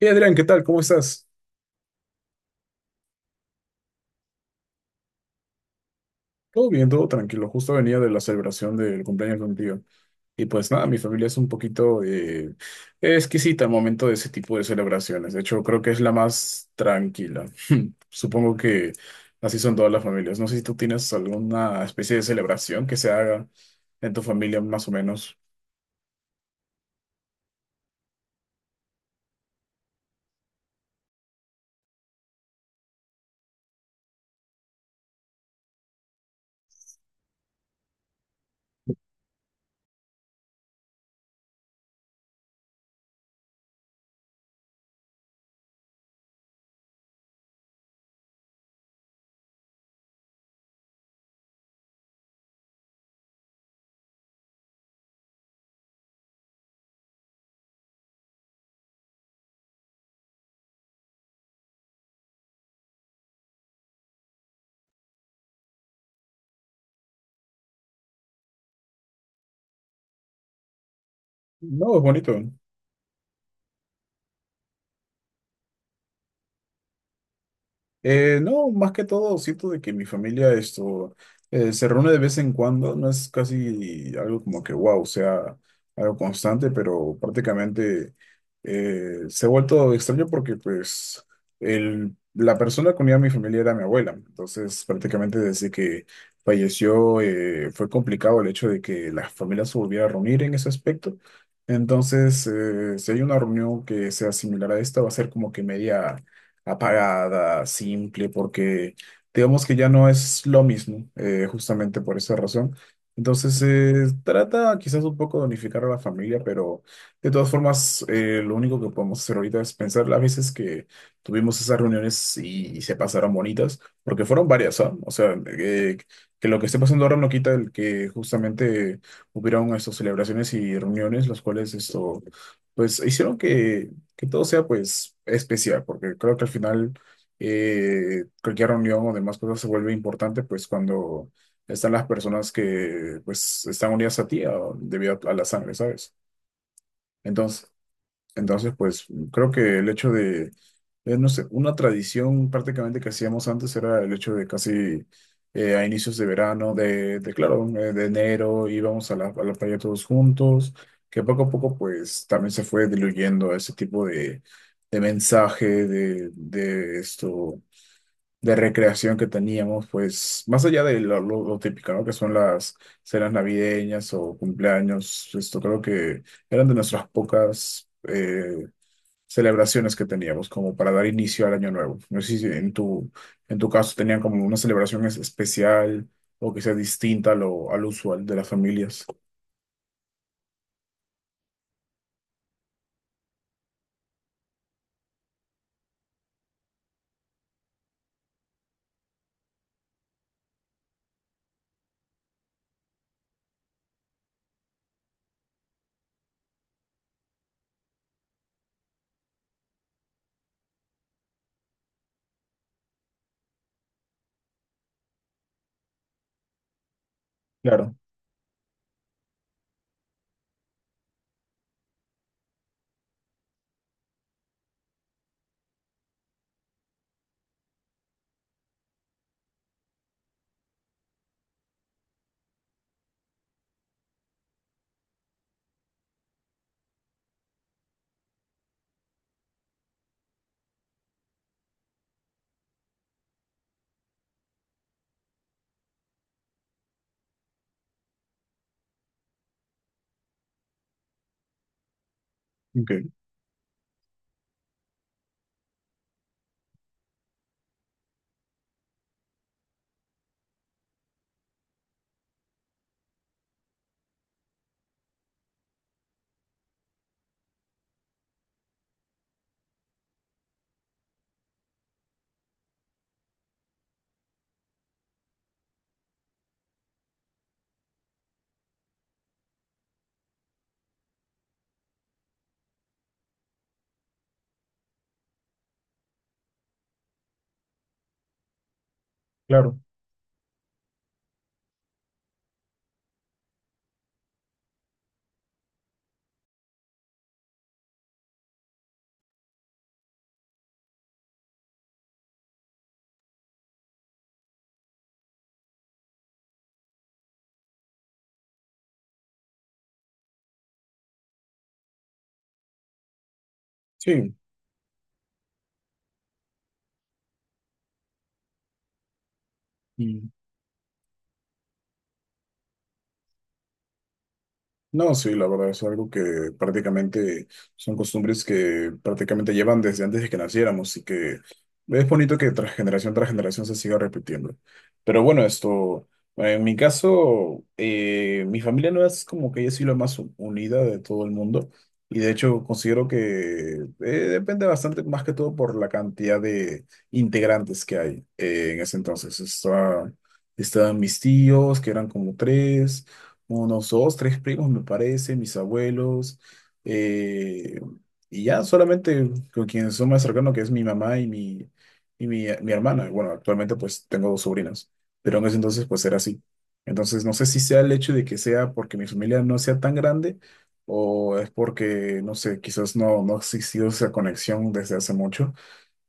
Y Adrián, ¿qué tal? ¿Cómo estás? Todo bien, todo tranquilo. Justo venía de la celebración del cumpleaños de un tío. Y pues nada, mi familia es un poquito exquisita al momento de ese tipo de celebraciones. De hecho, creo que es la más tranquila. Supongo que así son todas las familias. No sé si tú tienes alguna especie de celebración que se haga en tu familia más o menos. No, es bonito. No, más que todo, siento de que mi familia esto se reúne de vez en cuando, no es casi algo como que wow, sea algo constante, pero prácticamente, se ha vuelto extraño porque pues la persona que unía a mi familia era mi abuela, entonces prácticamente desde que falleció, fue complicado el hecho de que la familia se volviera a reunir en ese aspecto, entonces si hay una reunión que sea similar a esta, va a ser como que media apagada, simple, porque digamos que ya no es lo mismo, justamente por esa razón. Entonces, trata quizás un poco de unificar a la familia, pero de todas formas, lo único que podemos hacer ahorita es pensar las veces que tuvimos esas reuniones y se pasaron bonitas, porque fueron varias, ¿ah? O sea, que lo que esté pasando ahora no quita el que justamente hubieron estas celebraciones y reuniones, las cuales esto, pues hicieron que todo sea pues especial, porque creo que al final cualquier reunión o demás cosas se vuelve importante pues cuando están las personas que pues están unidas a ti ah, debido a la sangre, ¿sabes? Entonces, entonces, pues creo que el hecho de, no sé, una tradición prácticamente que hacíamos antes era el hecho de casi, a inicios de verano, de enero, íbamos a a la playa todos juntos, que poco a poco pues también se fue diluyendo ese tipo de mensaje, de recreación que teníamos, pues más allá de lo típico, ¿no? Que son las cenas navideñas o cumpleaños, esto creo que eran de nuestras pocas... celebraciones que teníamos como para dar inicio al año nuevo. No sé si en en tu caso tenían como una celebración especial o que sea distinta a lo, al usual de las familias. Claro, ok, claro, sí. No, sí, la verdad es algo que prácticamente son costumbres que prácticamente llevan desde antes de que naciéramos y que es bonito que tras generación se siga repitiendo. Pero bueno, esto, en mi caso, mi familia no es como que yo soy la más unida de todo el mundo y de hecho considero que depende bastante más que todo por la cantidad de integrantes que hay en ese entonces. Estaban mis tíos, que eran como tres unos dos, tres primos, me parece, mis abuelos, eh, y ya solamente con quienes son más cercanos, que es mi mamá y mi hermana. Bueno, actualmente pues tengo dos sobrinas, pero en ese entonces pues era así. Entonces no sé si sea el hecho de que sea porque mi familia no sea tan grande o es porque, no sé, quizás no ha existido esa conexión desde hace mucho.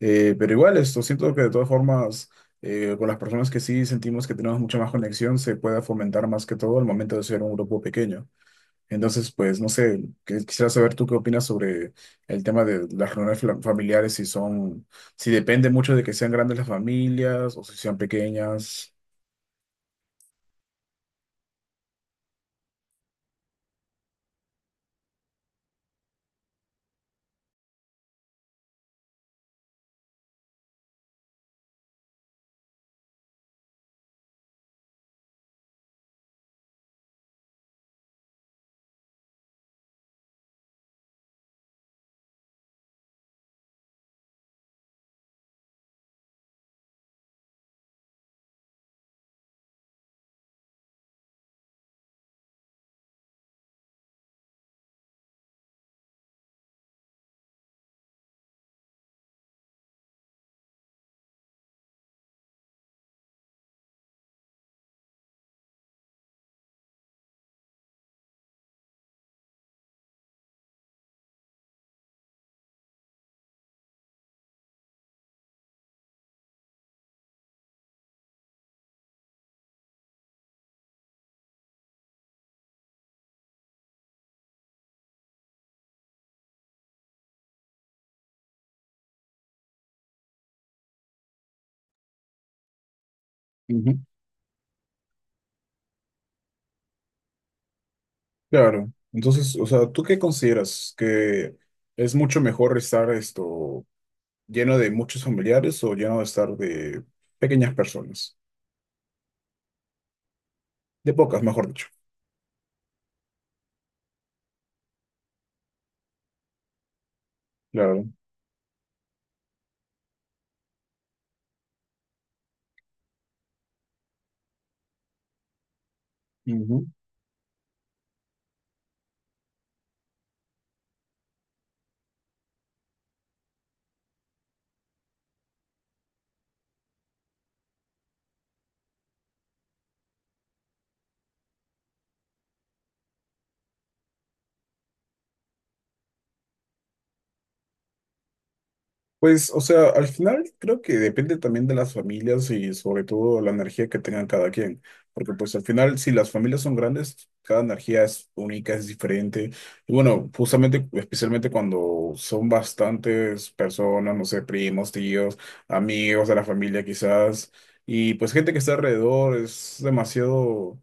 Pero igual, esto siento que de todas formas, con las personas que sí sentimos que tenemos mucha más conexión, se puede fomentar más que todo al momento de ser un grupo pequeño. Entonces, pues, no sé, quisiera saber tú qué opinas sobre el tema de las reuniones familiares, si son, si depende mucho de que sean grandes las familias o si sean pequeñas. Ujú. Claro. Entonces, o sea, ¿tú qué consideras? ¿Que es mucho mejor estar esto lleno de muchos familiares o lleno de estar de pequeñas personas? De pocas, mejor dicho. Claro. Ujú. Pues, o sea, al final creo que depende también de las familias y sobre todo la energía que tengan cada quien. Porque pues al final, si las familias son grandes, cada energía es única, es diferente. Y bueno, justamente, especialmente cuando son bastantes personas, no sé, primos, tíos, amigos de la familia quizás, y pues gente que está alrededor, es demasiado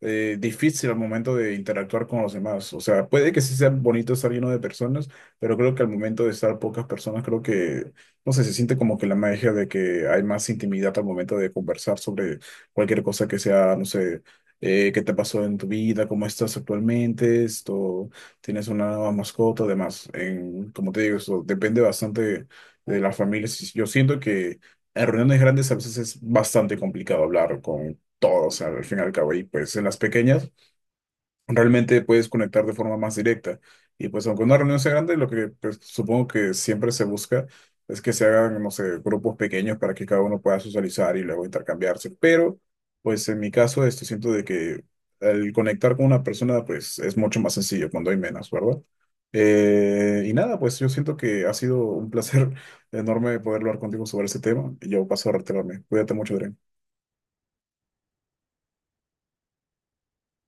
eh, difícil al momento de interactuar con los demás. O sea, puede que sí sea bonito estar lleno de personas pero creo que al momento de estar pocas personas, creo que, no sé, se siente como que la magia de que hay más intimidad al momento de conversar sobre cualquier cosa que sea, no sé, qué te pasó en tu vida, cómo estás actualmente, esto, tienes una nueva mascota, además, en, como te digo, eso depende bastante de las familias. Yo siento que en reuniones grandes a veces es bastante complicado hablar con todos, al fin y al cabo, y pues en las pequeñas realmente puedes conectar de forma más directa. Y pues aunque una reunión sea grande, lo que pues, supongo que siempre se busca es que se hagan, no sé, grupos pequeños para que cada uno pueda socializar y luego intercambiarse. Pero pues en mi caso, esto siento de que el conectar con una persona pues es mucho más sencillo cuando hay menos, ¿verdad? Y nada, pues yo siento que ha sido un placer enorme poder hablar contigo sobre ese tema. Y yo paso a retirarme. Cuídate mucho, Adrián.